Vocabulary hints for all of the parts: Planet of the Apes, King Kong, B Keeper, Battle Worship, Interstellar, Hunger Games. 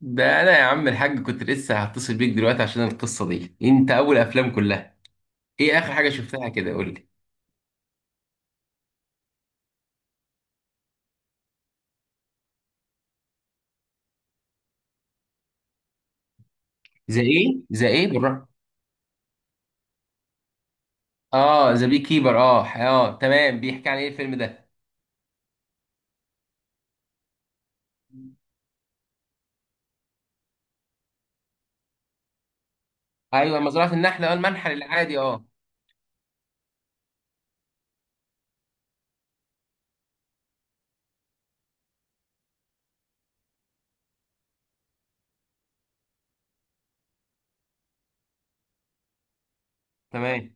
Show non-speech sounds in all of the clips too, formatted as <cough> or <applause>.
ده انا يا عم الحاج، كنت لسه هتصل بيك دلوقتي عشان القصه دي. انت اول افلام كلها. ايه اخر حاجه شفتها كده؟ قول لي. ذا ايه، ذا ايه؟ بالراحه. اه، ذا بي كيبر. اه، اه، تمام. بيحكي عن ايه الفيلم ده؟ ايوه، مزرعه النحل. اه، المنحل العادي. اه، تمام.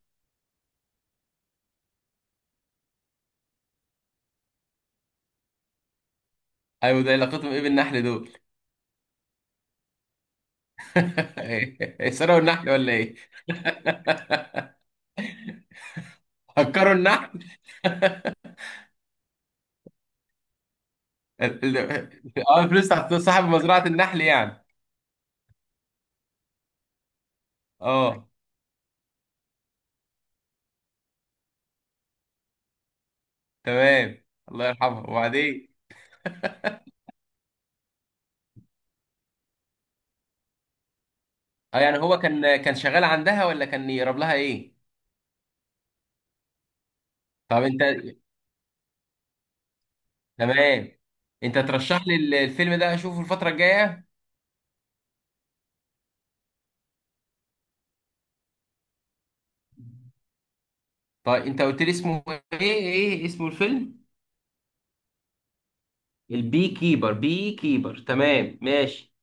ايوه، ده علاقتهم ايه بالنحل دول؟ <laughs> إيه، سرقوا النحل ولا ايه؟ هكروا النحل؟ الفلوس بتاعت صاحب مزرعه النحل يعني. اه، تمام. الله يرحمه، وبعدين؟ اه، يعني هو كان شغال عندها ولا كان يقرب لها ايه؟ طب انت. تمام. انت ترشح لي الفيلم ده اشوفه الفترة الجاية. طيب، انت قلت لي اسمه ايه؟ ايه اسمه الفيلم؟ البي كيبر، بي كيبر، تمام، ماشي.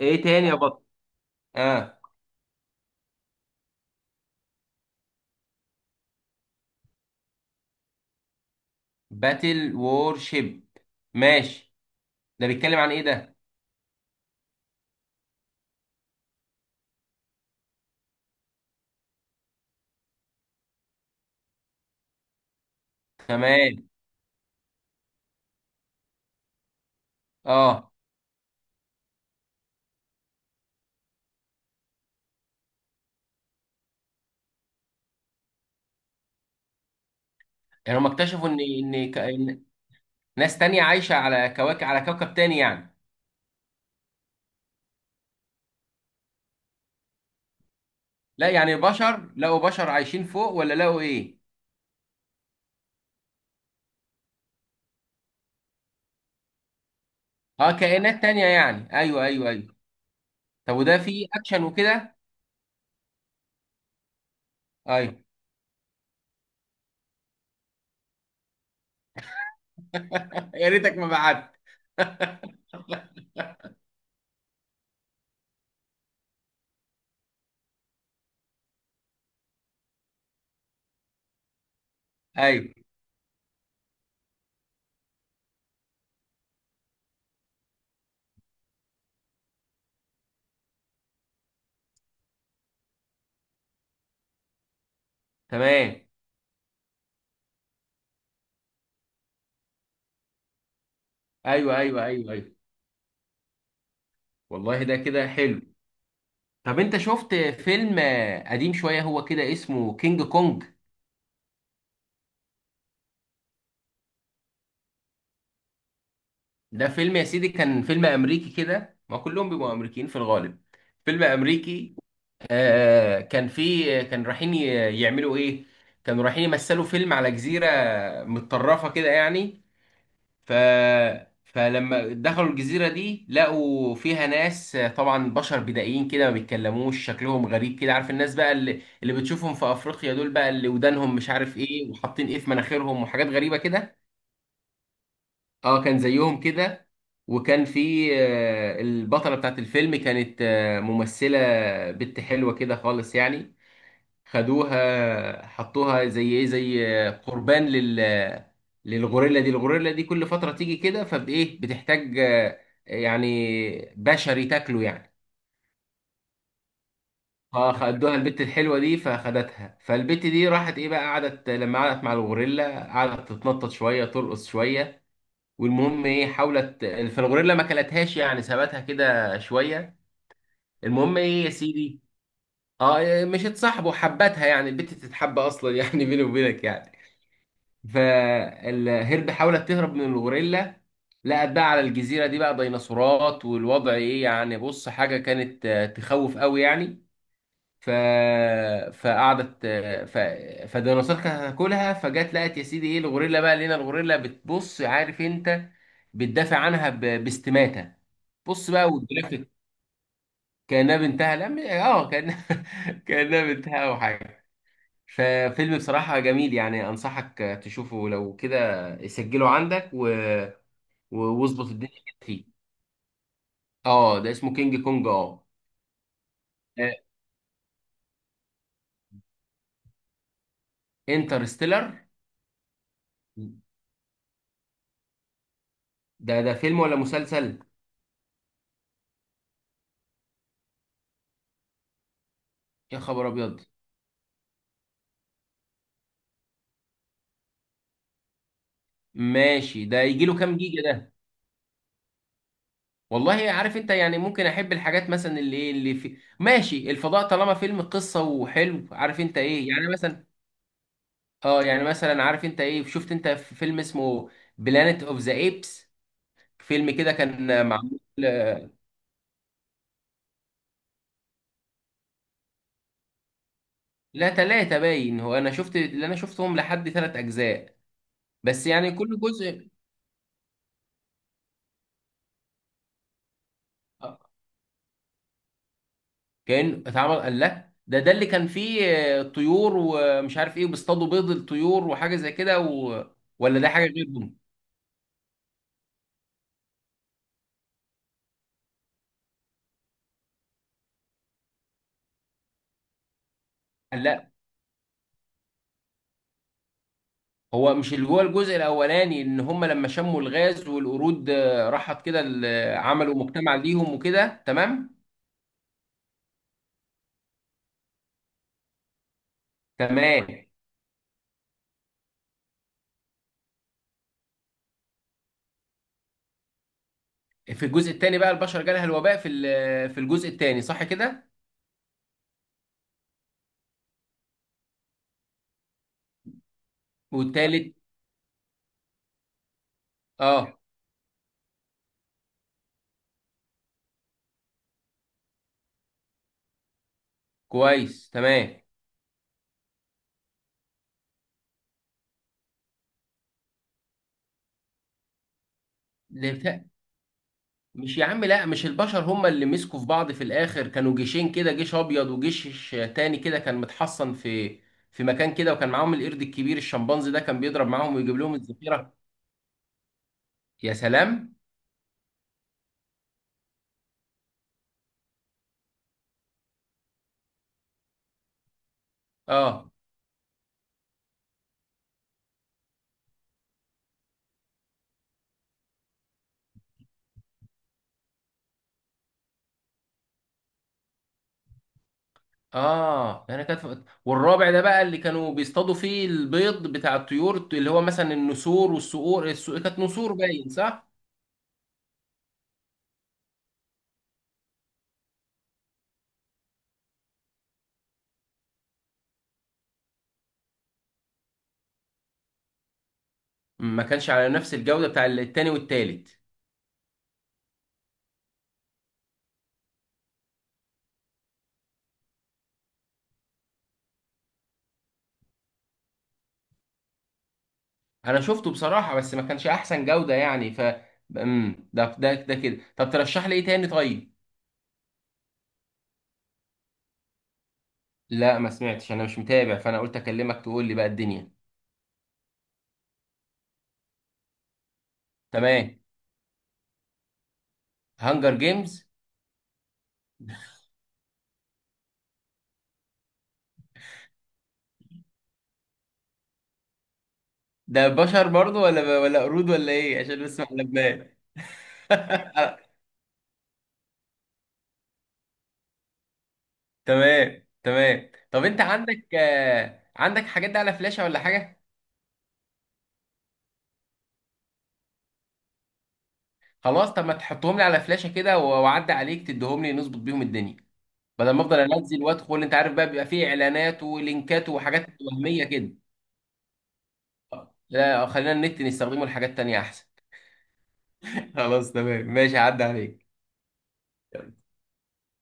ايه تاني يا بطل؟ اه، باتل وور شيب، ماشي. ده بيتكلم عن ايه ده؟ تمام. اه، يعني هم اكتشفوا ان ناس تانية عايشة على كواكب، على كوكب تاني يعني. لا، يعني بشر لقوا بشر عايشين فوق ولا لقوا ايه؟ اه، كائنات تانية يعني. ايوه، ايوه، ايوه. طب وده فيه اكشن وكده؟ ايوه. يا ريتك ما بعت. ايوه، تمام. ايوه، ايوه، ايوه، ايوه. والله ده كده حلو. طب انت شفت فيلم قديم شويه هو كده اسمه كينج كونج؟ ده فيلم يا سيدي، كان فيلم امريكي كده، ما كلهم بيبقوا امريكيين في الغالب. فيلم امريكي. كان فيه، كان رايحين يعملوا ايه. كانوا رايحين يمثلوا فيلم على جزيره متطرفه كده يعني. ف فلما دخلوا الجزيرة دي، لقوا فيها ناس طبعا بشر بدائيين كده، ما بيتكلموش، شكلهم غريب كده. عارف الناس بقى اللي بتشوفهم في أفريقيا دول، بقى اللي ودانهم مش عارف ايه، وحاطين ايه في مناخيرهم، وحاجات غريبة كده. اه، كان زيهم كده. وكان في البطلة بتاعت الفيلم، كانت ممثلة، بنت حلوة كده خالص يعني. خدوها، حطوها زي ايه، زي قربان للغوريلا دي. الغوريلا دي كل فترة تيجي كده، فبايه بتحتاج يعني بشري تاكله يعني. فخدوها البت الحلوة دي، فخدتها، فالبت دي راحت ايه بقى، قعدت، لما قعدت مع الغوريلا قعدت تتنطط شوية، ترقص شوية. والمهم ايه، حاولت، فالغوريلا ما كلتهاش يعني، سابتها كده شوية. المهم ايه يا سيدي. اه، مش اتصاحبوا، حبتها يعني، البت تتحب اصلا يعني. <laughs> بيني وبينك يعني. فالهرب، حاولت تهرب من الغوريلا، لقت بقى على الجزيرة دي بقى ديناصورات، والوضع ايه يعني، بص، حاجة كانت تخوف قوي يعني. ف... فقعدت فالديناصور كانت هتاكلها. فجت لقت يا سيدي ايه، الغوريلا، بقى لقينا الغوريلا بتبص، عارف انت، بتدافع عنها باستماتة. بص بقى والجرافيك، كأنها بنتها. لا، كأنها، <laughs> كأنها بنتها او حاجة. ففيلم بصراحة جميل يعني، أنصحك تشوفه، لو كده سجله عندك واظبط الدنيا كده فيه. اه، ده اسمه كينج كونج، اه. انترستيلر. ده فيلم ولا مسلسل؟ يا خبر أبيض. ماشي، ده يجي له كام جيجا ده؟ والله عارف انت يعني، ممكن احب الحاجات مثلا اللي ايه، اللي في، ماشي، الفضاء طالما فيلم قصة وحلو، عارف انت ايه يعني، مثلا. اه، يعني مثلا، عارف انت ايه، شفت انت في فيلم اسمه بلانيت اوف ذا ايبس؟ فيلم كده كان معمول. لا، تلاتة باين هو، انا شفت اللي انا شفتهم لحد تلات اجزاء، بس يعني كل جزء. آه، كان اتعمل، قال لا ده اللي كان فيه طيور ومش عارف ايه، بيصطادوا بيض الطيور وحاجة زي كده ولا ده حاجة غيرهم؟ قال لا. هو مش اللي هو الجزء الاولاني، ان هم لما شموا الغاز والقرود راحت كده عملوا مجتمع ليهم وكده، تمام. تمام. في الجزء الثاني بقى البشر جالها الوباء في ال- آه، في الجزء الثاني، صح كده؟ والتالت. اه، كويس، تمام. لف- مش يا عم، لا، مش البشر هم اللي مسكوا في بعض في الاخر، كانوا جيشين كده، جيش ابيض وجيش تاني كده، كان متحصن في مكان كده، وكان معاهم القرد الكبير الشمبانزي ده، كان بيضرب معاهم ويجيب لهم الذخيره. يا سلام. اه، اه، انا كانت، والرابع ده بقى اللي كانوا بيصطادوا فيه البيض بتاع الطيور اللي هو مثلا النسور والصقور، الصقور كانت نسور باين، صح؟ ما كانش على نفس الجوده بتاع التاني والتالت. انا شفته بصراحة بس ما كانش احسن جودة يعني، ده كده. طب ترشح لي ايه تاني؟ طيب. لا، ما سمعتش، انا مش متابع، فانا قلت اكلمك تقول لي بقى الدنيا. تمام. هانجر جيمز. ده بشر برضو ولا قرود ولا ايه؟ عشان بس ما قلبناش. <laughs> تمام، تمام. طب انت عندك حاجات دي على فلاشة ولا حاجة؟ خلاص، طب ما تحطهم لي على فلاشة كده واعدي عليك تديهم لي، نظبط بيهم الدنيا. بدل ما افضل انزل وادخل، انت عارف بقى، بيبقى فيه اعلانات ولينكات وحاجات وهميه كده. لا، خلينا النت نستخدمه لحاجات تانية احسن. <laughs> خلاص، تمام، ماشي، عدى عليك.